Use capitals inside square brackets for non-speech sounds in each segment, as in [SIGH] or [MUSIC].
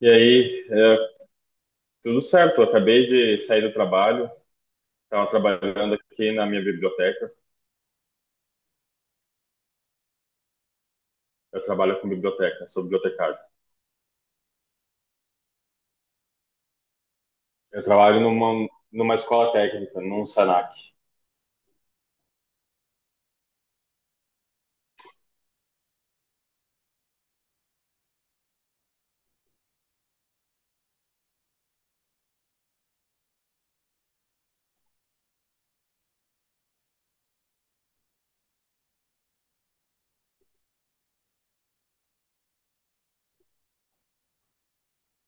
E aí, tudo certo. Eu acabei de sair do trabalho, estava trabalhando aqui na minha biblioteca. Eu trabalho com biblioteca, sou bibliotecário. Eu trabalho numa escola técnica, num SANAC.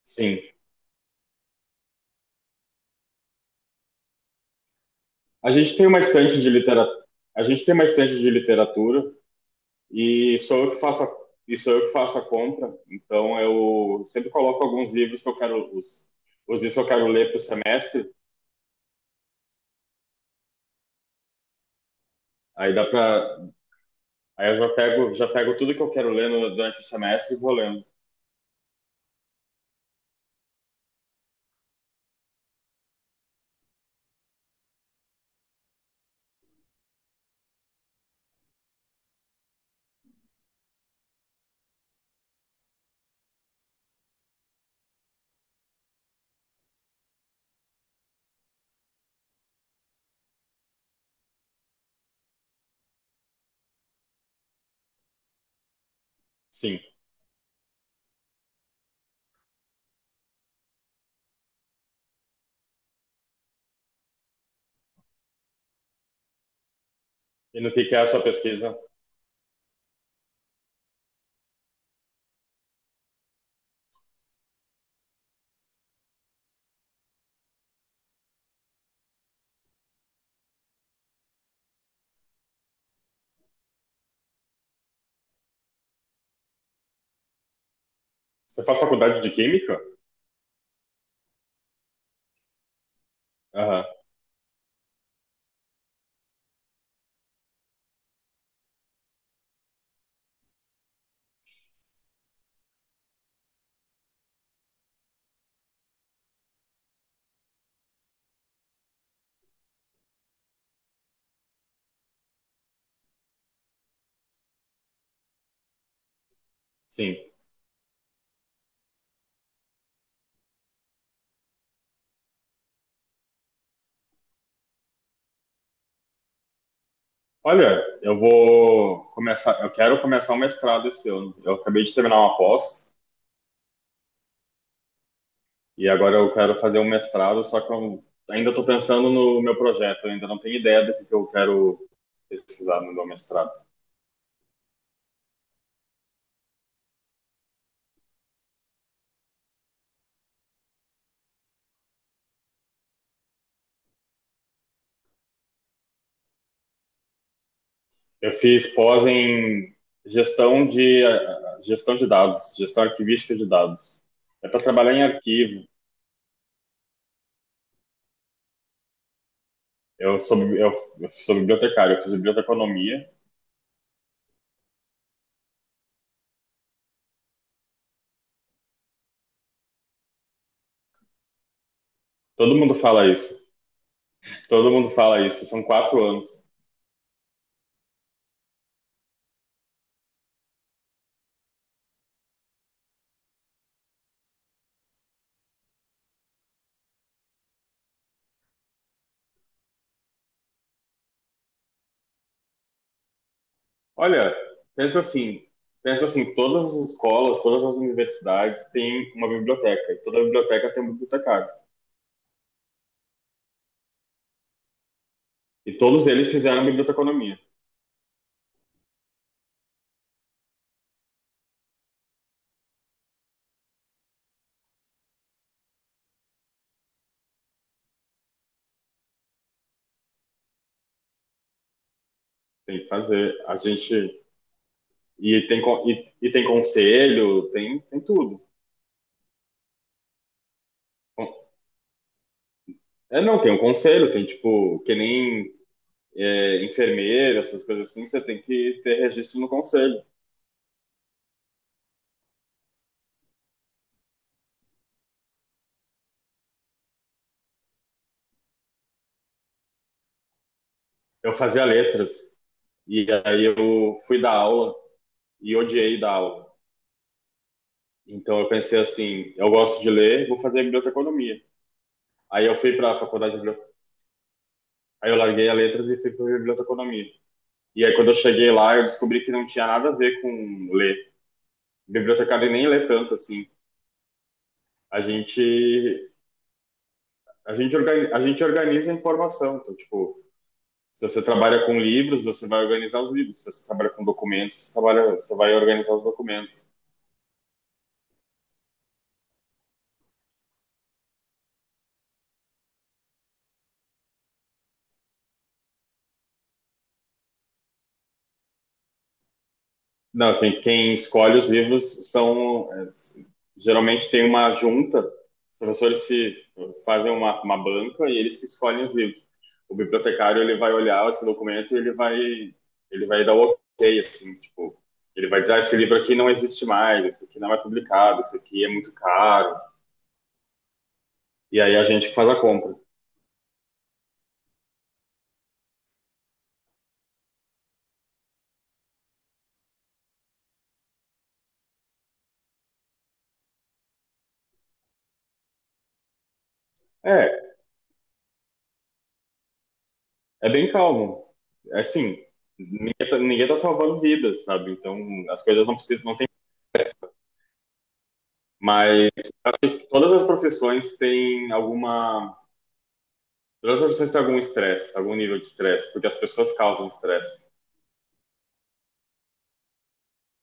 Sim. A gente tem uma estante de literatura. A gente tem uma estante de literatura e sou eu que faço a, e sou eu que faço a compra. Então eu sempre coloco alguns livros que eu quero os livros que eu quero ler para o semestre. Aí dá para Aí eu já pego tudo que eu quero ler no, durante o semestre e vou lendo. Sim. E no que é a sua pesquisa? Você faz faculdade de Química? Aham, sim. Olha, eu quero começar um mestrado esse ano. Eu acabei de terminar uma pós e agora eu quero fazer um mestrado, só que eu ainda estou pensando no meu projeto, eu ainda não tenho ideia do que eu quero pesquisar no meu mestrado. Eu fiz pós em gestão de gestão de dados, gestão arquivística de dados. É para trabalhar em arquivo. Eu sou, eu, eu sou bibliotecário, eu fiz biblioteconomia. Todo mundo fala isso. Todo mundo fala isso, são 4 anos. Olha, pensa assim, pensa assim, todas as escolas, todas as universidades têm uma biblioteca, e toda biblioteca tem um bibliotecário. E todos eles fizeram biblioteconomia. Tem que fazer, a gente e tem con- e tem conselho, tem tudo. Bom, É, não, tem um conselho, tem tipo, que nem é, enfermeiro, essas coisas assim, você tem que ter registro no conselho. Eu fazia letras, e aí eu fui dar aula e odiei dar aula. Então eu pensei assim, eu gosto de ler, vou fazer biblioteconomia. Aí eu fui para a faculdade de aí eu larguei a letras e fui para biblioteconomia. E aí quando eu cheguei lá, eu descobri que não tinha nada a ver com ler. Bibliotecário nem lê tanto assim. A gente a gente organiza a informação, então, tipo, se você trabalha com livros, você vai organizar os livros. Se você trabalha com documentos, você vai organizar os documentos. Não, quem, quem escolhe os livros geralmente tem uma junta, os professores se fazem uma banca e eles que escolhem os livros. O bibliotecário ele vai olhar esse documento e ele vai dar o ok, assim, tipo, ele vai dizer, ah, esse livro aqui não existe mais, esse aqui não é publicado, esse aqui é muito caro. E aí a gente que faz a compra. É, é bem calmo. É assim, ninguém tá salvando vidas, sabe? Então as coisas não precisam, não tem. Mas Todas as profissões têm alguma. Todas as profissões têm algum estresse, algum nível de estresse, porque as pessoas causam estresse.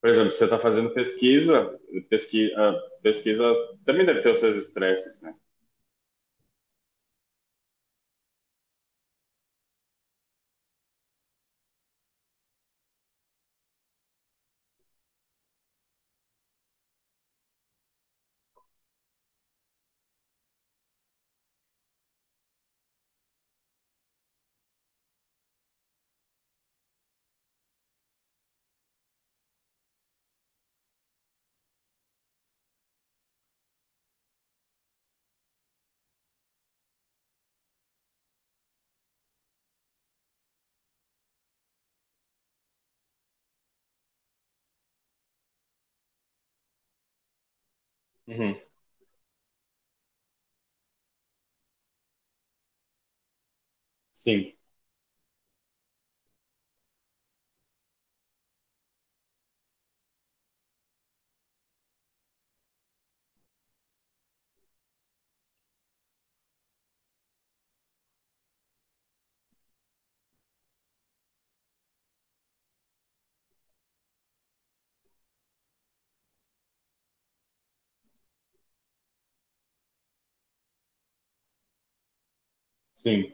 Por exemplo, se você está fazendo pesquisa, pesquisa, pesquisa também deve ter os seus estresses, né? Uhum. Sim, sim.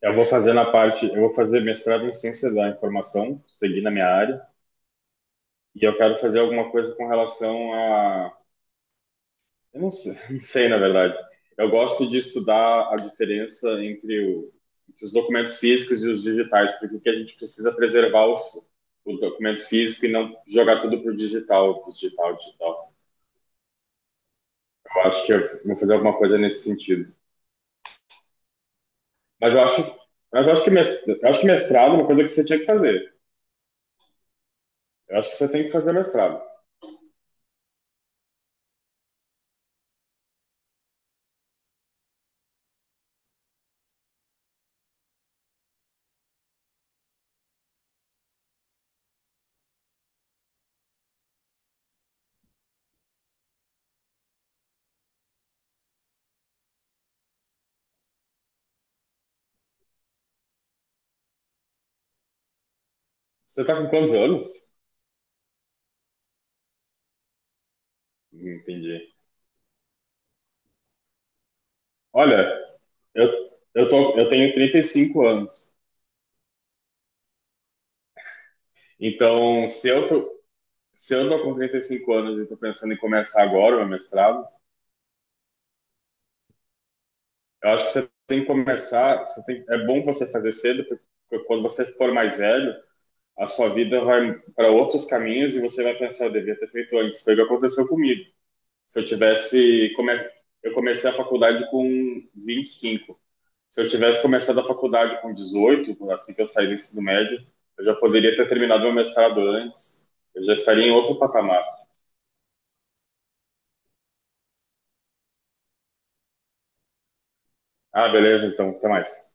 Eu vou fazer mestrado em ciência da informação, seguir na minha área, e eu quero fazer alguma coisa com relação a. Eu não sei, [LAUGHS] não sei, na verdade. Eu gosto de estudar a diferença entre os documentos físicos e os digitais, porque o que a gente precisa é preservar o documento físico e não jogar tudo para o digital, digital. Eu acho que eu vou fazer alguma coisa nesse sentido. Mas eu acho, mas eu acho que mestrado é uma coisa que você tinha que fazer. Eu acho que você tem que fazer mestrado. Você está com quantos anos? Não entendi. Olha, eu, eu tenho 35 anos. Então, se eu tô com 35 anos e estou pensando em começar agora o meu mestrado, eu acho que você tem que começar. Você tem, é bom você fazer cedo, porque quando você for mais velho, a sua vida vai para outros caminhos e você vai pensar, eu devia ter feito antes. Foi o que aconteceu comigo. Se eu tivesse, come, eu comecei a faculdade com 25. Se eu tivesse começado a faculdade com 18, assim que eu saí do ensino médio, eu já poderia ter terminado meu mestrado antes. Eu já estaria em outro patamar. Ah, beleza, então, até mais.